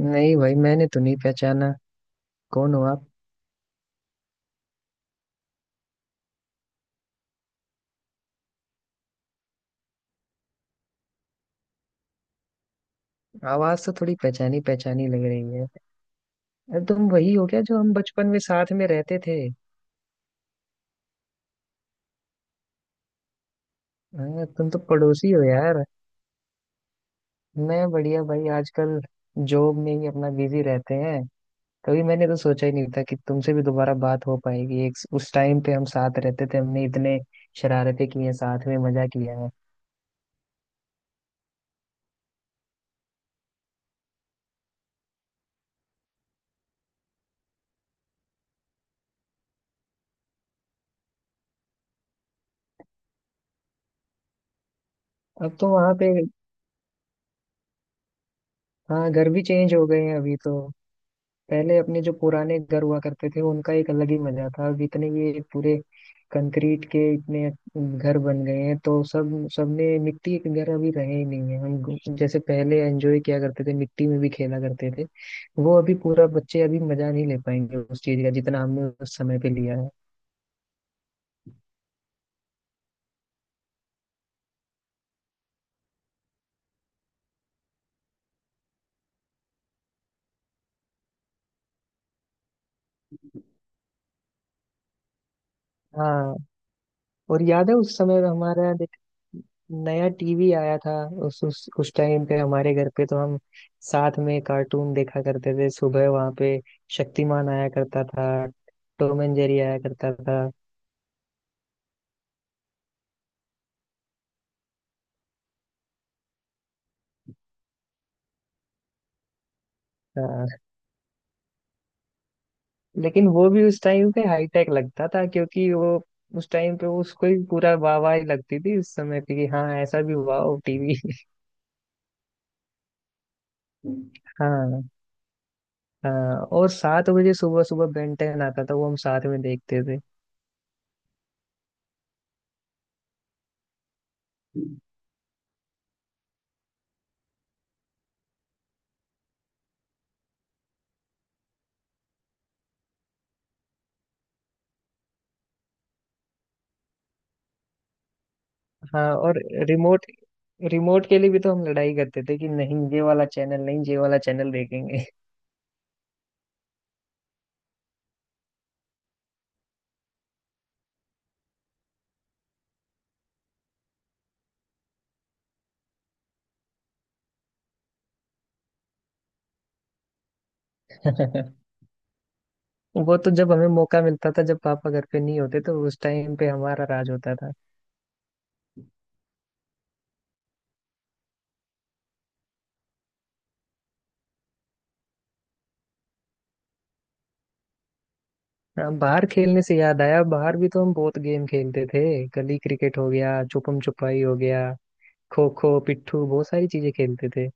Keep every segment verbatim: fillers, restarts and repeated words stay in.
नहीं भाई मैंने तो नहीं पहचाना। कौन हो आप? आवाज तो थोड़ी पहचानी पहचानी लग रही है। अरे तुम वही हो क्या जो हम बचपन में साथ में रहते थे? हाँ, तुम तो पड़ोसी हो यार। मैं बढ़िया भाई। आजकल जॉब में ही अपना बिजी रहते हैं। कभी मैंने तो सोचा ही नहीं था कि तुमसे भी दोबारा बात हो पाएगी। एक उस टाइम पे हम साथ रहते थे, हमने इतने शरारतें की हैं साथ में, मजा किया है। अब तो वहां पे। हाँ, घर भी चेंज हो गए हैं अभी तो। पहले अपने जो पुराने घर हुआ करते थे उनका एक अलग ही मजा था। अब इतने ये पूरे कंक्रीट के इतने घर बन गए हैं, तो सब सबने मिट्टी के घर अभी रहे ही नहीं है। हम गु- जैसे पहले एंजॉय किया करते थे, मिट्टी में भी खेला करते थे। वो अभी पूरा बच्चे अभी मजा नहीं ले पाएंगे उस चीज का जितना हमने उस समय पे लिया है। हाँ। और याद है उस समय हमारा, देख, नया टीवी आया था। उस उस उस टाइम पे हमारे घर पे तो हम साथ में कार्टून देखा करते थे सुबह। वहां पे शक्तिमान आया करता था, टॉम एंड जेरी आया करता था। हाँ, लेकिन वो भी उस टाइम पे हाईटेक लगता था, क्योंकि वो उस टाइम पे उसको ही पूरा वाह वाह ही लगती थी उस समय पे कि हाँ ऐसा भी, वाह टीवी। हाँ। हाँ, और सात बजे सुबह सुबह बेन टेन आता था, वो हम साथ में देखते थे। हाँ। और रिमोट रिमोट के लिए भी तो हम लड़ाई करते थे कि नहीं ये वाला चैनल, नहीं ये वाला चैनल देखेंगे। वो तो जब हमें मौका मिलता था, जब पापा घर पे नहीं होते, तो उस टाइम पे हमारा राज होता था। हाँ, बाहर खेलने से याद आया, बाहर भी तो हम बहुत गेम खेलते थे। गली क्रिकेट हो गया, छुपम छुपाई हो गया, खो खो, पिट्ठू, बहुत सारी चीजें खेलते थे।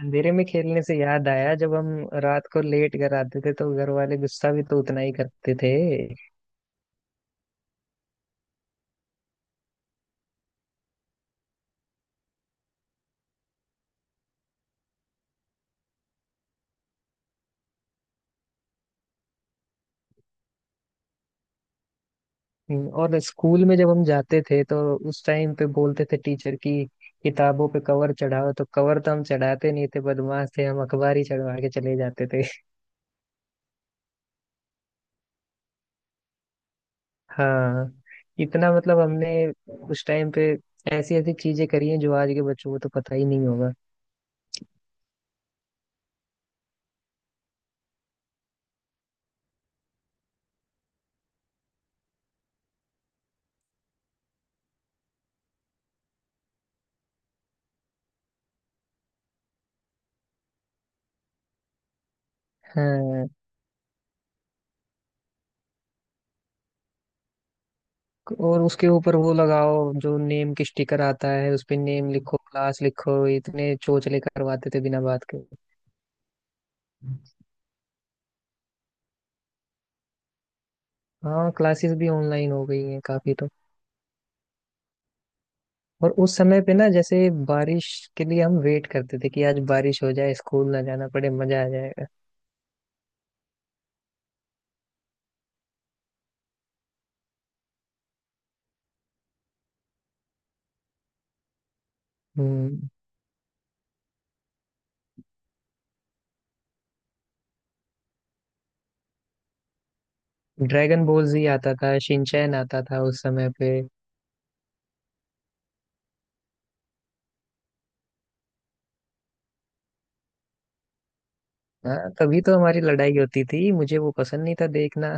अंधेरे में खेलने से याद आया, जब हम रात को लेट घर आते थे तो घर वाले गुस्सा भी तो उतना ही करते थे। हम्म, और स्कूल में जब हम जाते थे तो उस टाइम पे बोलते थे टीचर की, किताबों पे कवर चढ़ाओ, तो कवर तो हम चढ़ाते नहीं थे, बदमाश थे हम, अखबार ही चढ़वा के चले जाते थे। हाँ। इतना मतलब हमने उस टाइम पे ऐसी ऐसी चीजें करी हैं जो आज के बच्चों को तो पता ही नहीं होगा। हाँ। और उसके ऊपर वो लगाओ जो नेम की स्टिकर आता है, उस पे नेम लिखो, क्लास लिखो। इतने चोचले करवाते थे बिना बात के। हाँ, क्लासेस भी ऑनलाइन हो गई हैं काफी तो। और उस समय पे ना, जैसे बारिश के लिए हम वेट करते थे कि आज बारिश हो जाए, स्कूल ना जाना पड़े, मजा आ जाएगा। हम्म ड्रैगन बॉल जी आता था, शिनचैन आता था उस समय पे। हाँ, तभी तो हमारी लड़ाई होती थी, मुझे वो पसंद नहीं था देखना।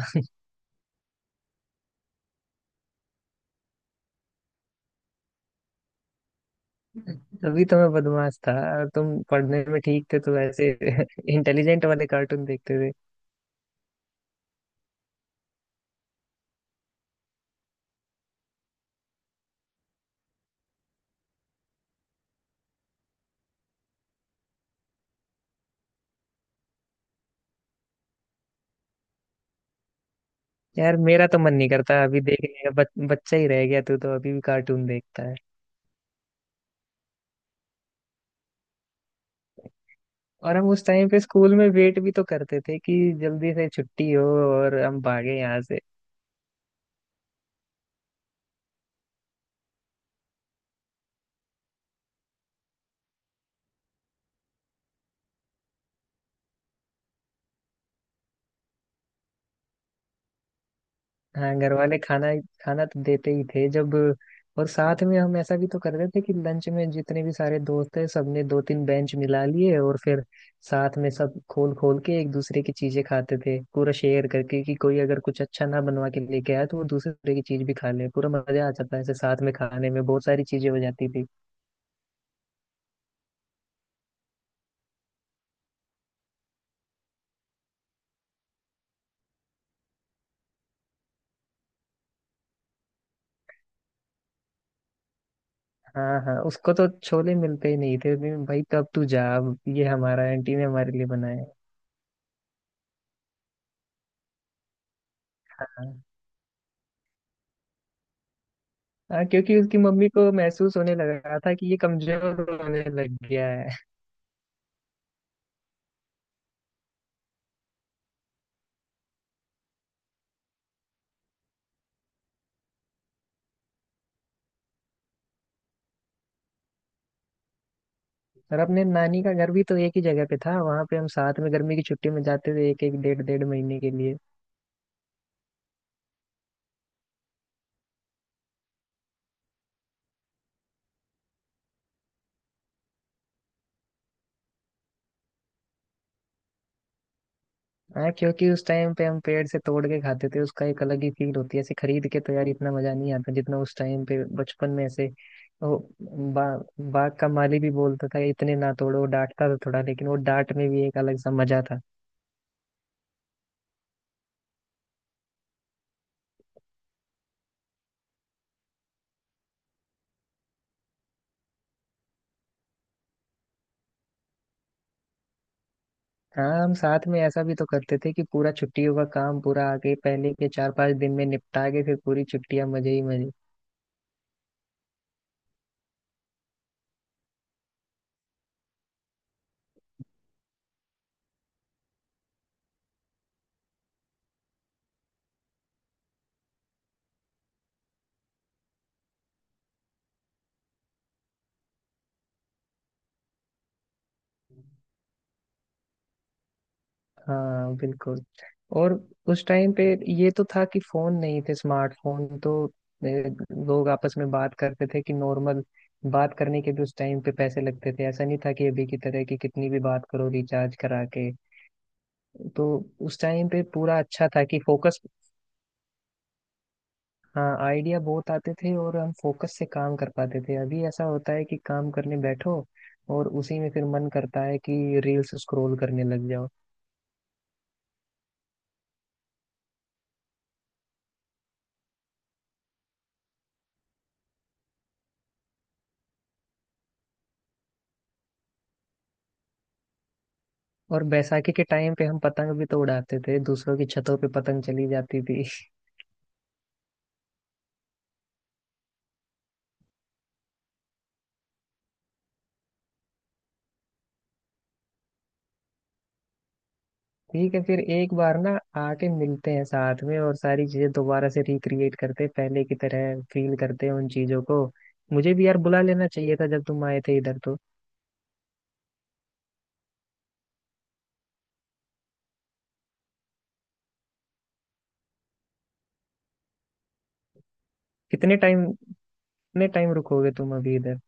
तभी तो मैं बदमाश था, और तुम पढ़ने में ठीक थे, तो ऐसे इंटेलिजेंट वाले कार्टून देखते थे। यार मेरा तो मन नहीं करता अभी देखने का। बच, बच्चा ही रह गया तू तो, अभी भी कार्टून देखता है। और हम उस टाइम पे स्कूल में वेट भी तो करते थे कि जल्दी से छुट्टी हो और हम भागे यहाँ से। हाँ, घर वाले खाना खाना तो देते ही थे जब। और साथ में हम ऐसा भी तो करते थे कि लंच में जितने भी सारे दोस्त थे सबने दो तीन बेंच मिला लिए, और फिर साथ में सब खोल खोल के एक दूसरे की चीजें खाते थे, पूरा शेयर करके। कि कोई अगर कुछ अच्छा ना बनवा के लेके आया, तो वो दूसरे की चीज भी खा ले। पूरा मजा आ जाता है ऐसे साथ में खाने में, बहुत सारी चीजें हो जाती थी। हाँ, हाँ, उसको तो छोले मिलते ही नहीं थे। नहीं, भाई कब तू जा, अब ये हमारा, आंटी ने हमारे लिए बनाया है। हाँ। हाँ, क्योंकि उसकी मम्मी को महसूस होने लगा था कि ये कमजोर होने लग गया है। और अपने नानी का घर भी तो एक ही जगह पे था, वहां पे हम साथ में गर्मी की छुट्टी में जाते थे एक एक डेढ़ डेढ़ महीने के लिए। हाँ, क्योंकि उस टाइम पे हम पेड़ से तोड़ के खाते थे, उसका एक अलग ही फील होती है। ऐसे खरीद के तो यार इतना मजा नहीं आता जितना उस टाइम पे बचपन में ऐसे। वो बा, बाग का माली भी बोलता था इतने ना तोड़ो, वो डांटता था थोड़ा, लेकिन वो डांट में भी एक अलग सा मजा था। हाँ, हम साथ में ऐसा भी तो करते थे कि पूरा छुट्टियों का काम पूरा आगे पहले के चार पांच दिन में निपटा के, फिर पूरी छुट्टियां मजे ही मजे। हाँ बिल्कुल। और उस टाइम पे ये तो था कि फोन नहीं थे स्मार्टफोन, तो अ, लोग आपस में बात करते थे कि नॉर्मल। बात करने के भी उस टाइम पे पैसे लगते थे, ऐसा नहीं था कि अभी की तरह कि कितनी भी बात करो रिचार्ज करा के। तो उस टाइम पे पूरा अच्छा था कि फोकस। हाँ, आइडिया बहुत आते थे और हम फोकस से काम कर पाते थे। अभी ऐसा होता है कि काम करने बैठो और उसी में फिर मन करता है कि रील्स स्क्रॉल करने लग जाओ। और बैसाखी के टाइम पे हम पतंग भी तो उड़ाते थे, दूसरों की छतों पे पतंग चली जाती थी। ठीक है, फिर एक बार ना आके मिलते हैं साथ में, और सारी चीजें दोबारा से रिक्रिएट करते हैं, पहले की तरह फील करते हैं उन चीजों को। मुझे भी यार बुला लेना चाहिए था जब तुम आए थे इधर तो। कितने टाइम कितने टाइम रुकोगे तुम अभी इधर?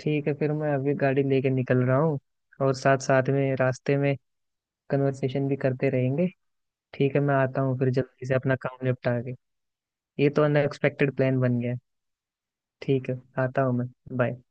ठीक है, फिर मैं अभी गाड़ी लेके निकल रहा हूँ, और साथ साथ में रास्ते में कन्वर्सेशन भी करते रहेंगे। ठीक है, मैं आता हूँ फिर जल्दी से अपना काम निपटा के। ये तो अनएक्सपेक्टेड प्लान बन गया। ठीक है, आता हूँ मैं। बाय।